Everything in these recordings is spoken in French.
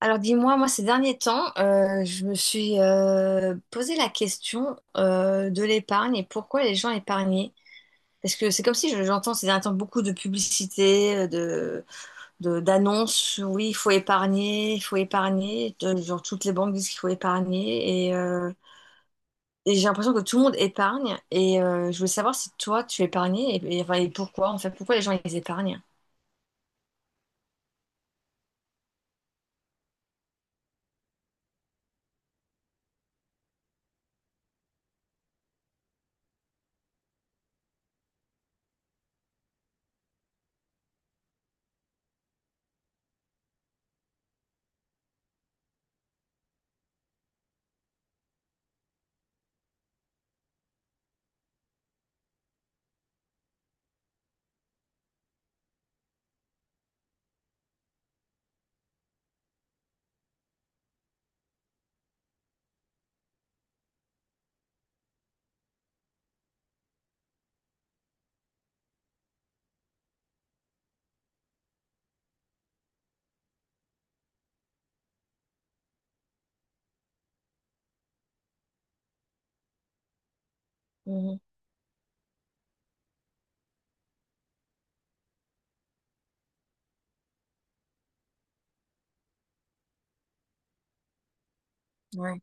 Alors dis-moi, moi ces derniers temps, je me suis posé la question de l'épargne et pourquoi les gens épargnaient. Parce que c'est comme si j'entends ces derniers temps beaucoup de publicités, d'annonces, oui, il faut épargner, il faut épargner. Genre toutes les banques disent qu'il faut épargner. Et j'ai l'impression que tout le monde épargne. Et je voulais savoir si toi tu épargnais enfin, et pourquoi en fait, pourquoi les gens ils épargnent. Mhm. Ouais.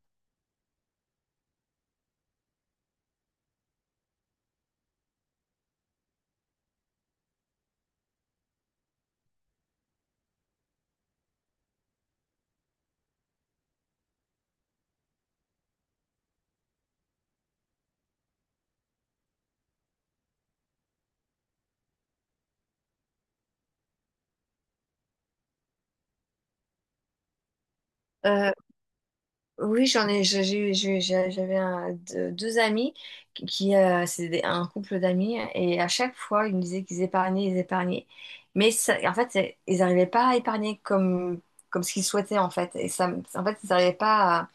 Euh, Oui, j'en ai, j'ai- j'avais deux, deux amis qui, c'est un couple d'amis, et à chaque fois, ils me disaient qu'ils épargnaient, ils épargnaient. Mais en fait, ils n'arrivaient pas à épargner comme, comme ce qu'ils souhaitaient, en fait. Et ça, en fait, ils n'arrivaient pas.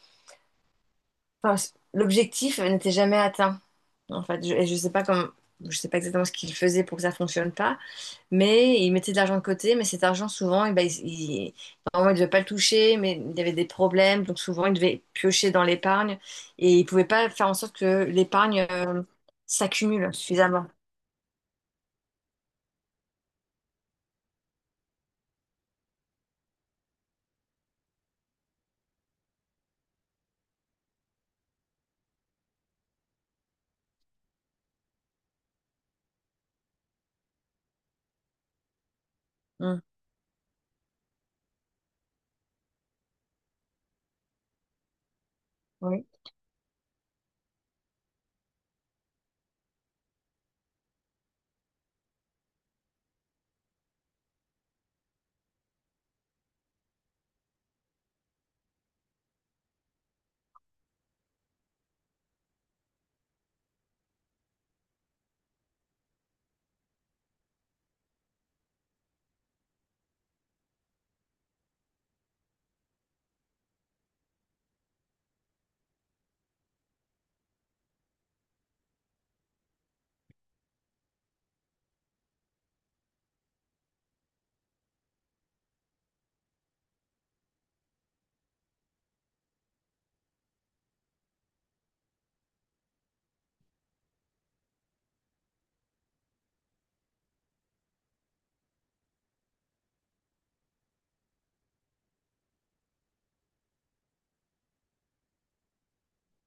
Enfin, l'objectif n'était jamais atteint. En fait, et je sais pas comment, je sais pas exactement ce qu'il faisait pour que ça fonctionne pas, mais il mettait de l'argent de côté, mais cet argent souvent, eh ben, il, normalement, il devait pas le toucher, mais il y avait des problèmes, donc souvent il devait piocher dans l'épargne et il pouvait pas faire en sorte que l'épargne s'accumule suffisamment. Mm. Oui.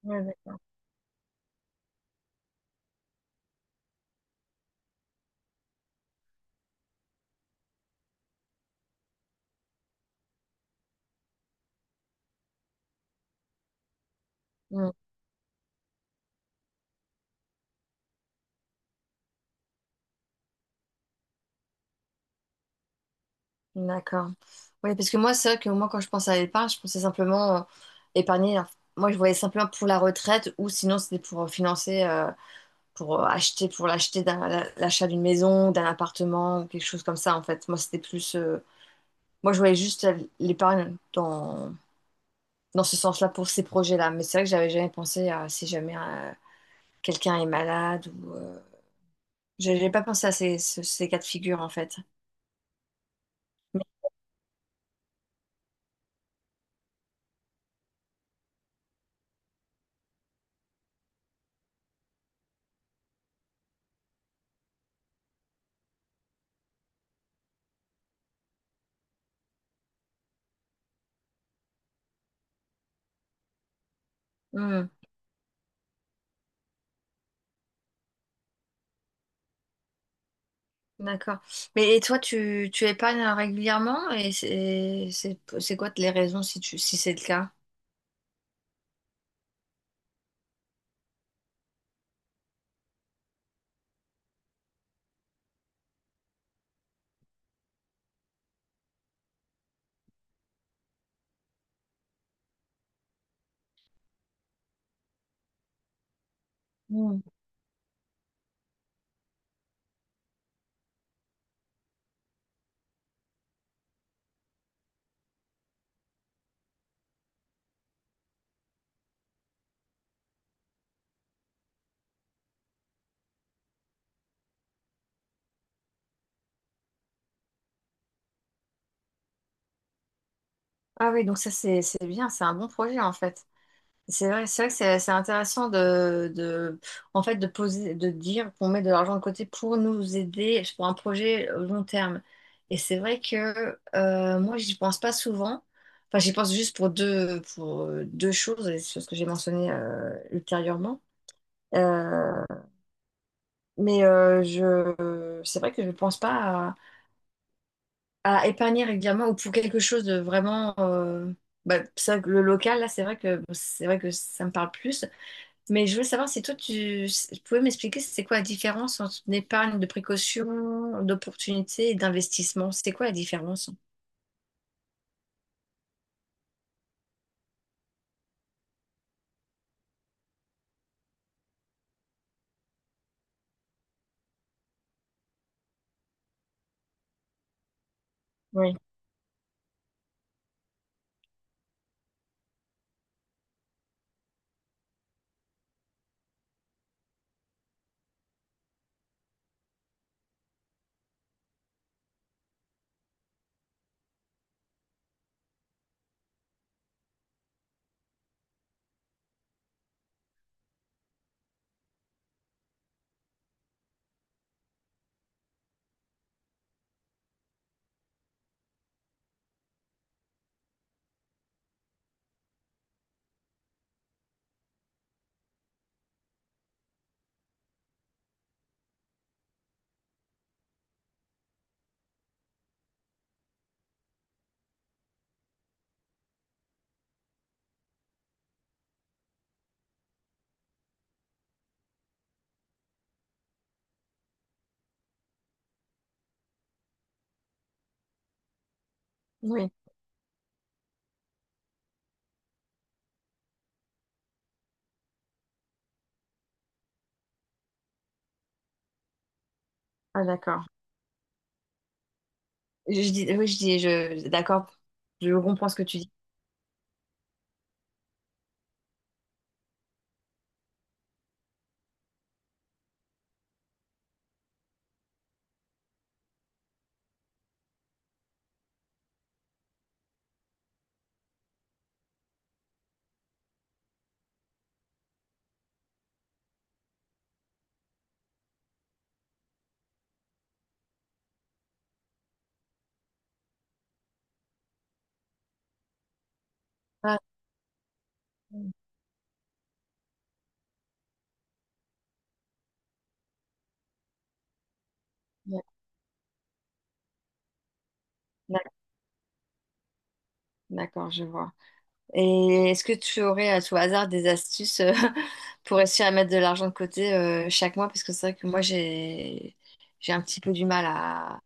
Ouais, d'accord. D'accord. Oui, parce que moi, c'est vrai que moi, quand je pense à l'épargne, je pensais simplement épargner. Enfin, moi, je voyais simplement pour la retraite ou sinon, c'était pour financer, pour acheter, pour l'achat d'une maison, d'un appartement ou quelque chose comme ça, en fait. Moi, c'était plus. Moi, je voyais juste l'épargne dans, dans ce sens-là pour ces projets-là. Mais c'est vrai que j'avais jamais pensé à si jamais quelqu'un est malade ou. J'avais pas pensé à ces, ces cas de figure, en fait. Hmm. D'accord. Mais et toi, tu épargnes régulièrement et c'est quoi les raisons si tu si c'est le cas? Hmm. Ah oui, donc ça c'est bien, c'est un bon projet en fait. C'est vrai que c'est intéressant de en fait de poser de dire qu'on met de l'argent de côté pour nous aider pour un projet long terme. Et c'est vrai que moi j'y pense pas souvent. Enfin, j'y pense juste pour deux choses, et c'est ce que j'ai mentionné ultérieurement. Euh, Mais c'est vrai que je ne pense pas à, à épargner régulièrement ou pour quelque chose de vraiment. Bah, c'est vrai que le local, là, c'est vrai que ça me parle plus. Mais je voulais savoir si toi, si, tu pouvais m'expliquer c'est quoi la différence entre une épargne de précaution, d'opportunité et d'investissement? C'est quoi la différence? Oui, oui. Ah, d'accord. Oui, d'accord. Je comprends ce que tu dis. Ah, d'accord, d'accord, je vois. Et est-ce que tu aurais à tout hasard des astuces pour réussir à mettre de l'argent de côté chaque mois? Parce que c'est vrai que moi, j'ai un petit peu du mal à…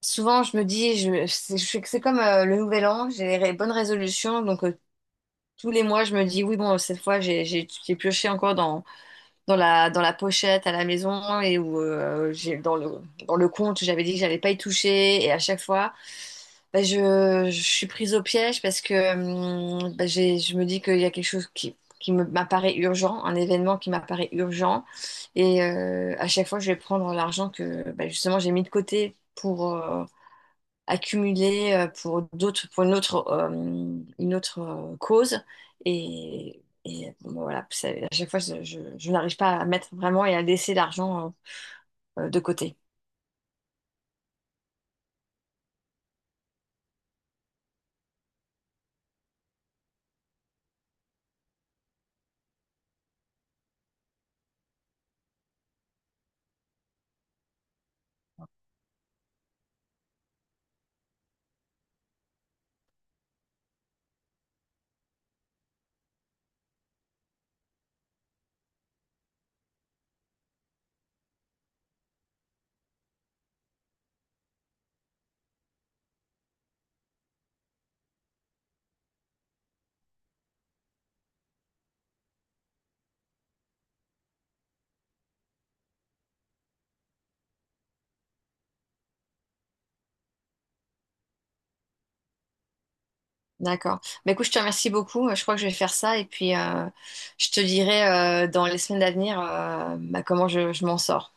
Souvent, je me dis, c'est je sais que c'est comme le nouvel an, j'ai les bonnes résolutions. Donc, tous les mois, je me dis, oui, bon, cette fois, j'ai pioché encore dans la pochette à la maison et où dans le compte, j'avais dit que j'allais pas y toucher. Et à chaque fois, bah, je suis prise au piège parce que bah, je me dis qu'il y a quelque chose qui m'apparaît urgent, un événement qui m'apparaît urgent. Et à chaque fois, je vais prendre l'argent que bah, justement j'ai mis de côté pour, accumulé pour d'autres, pour une autre cause. Et, bon, voilà, à chaque fois, je n'arrive pas à mettre vraiment et à laisser l'argent de côté. D'accord. Bah, écoute, je te remercie beaucoup. Je crois que je vais faire ça et puis je te dirai dans les semaines à venir bah, comment je m'en sors.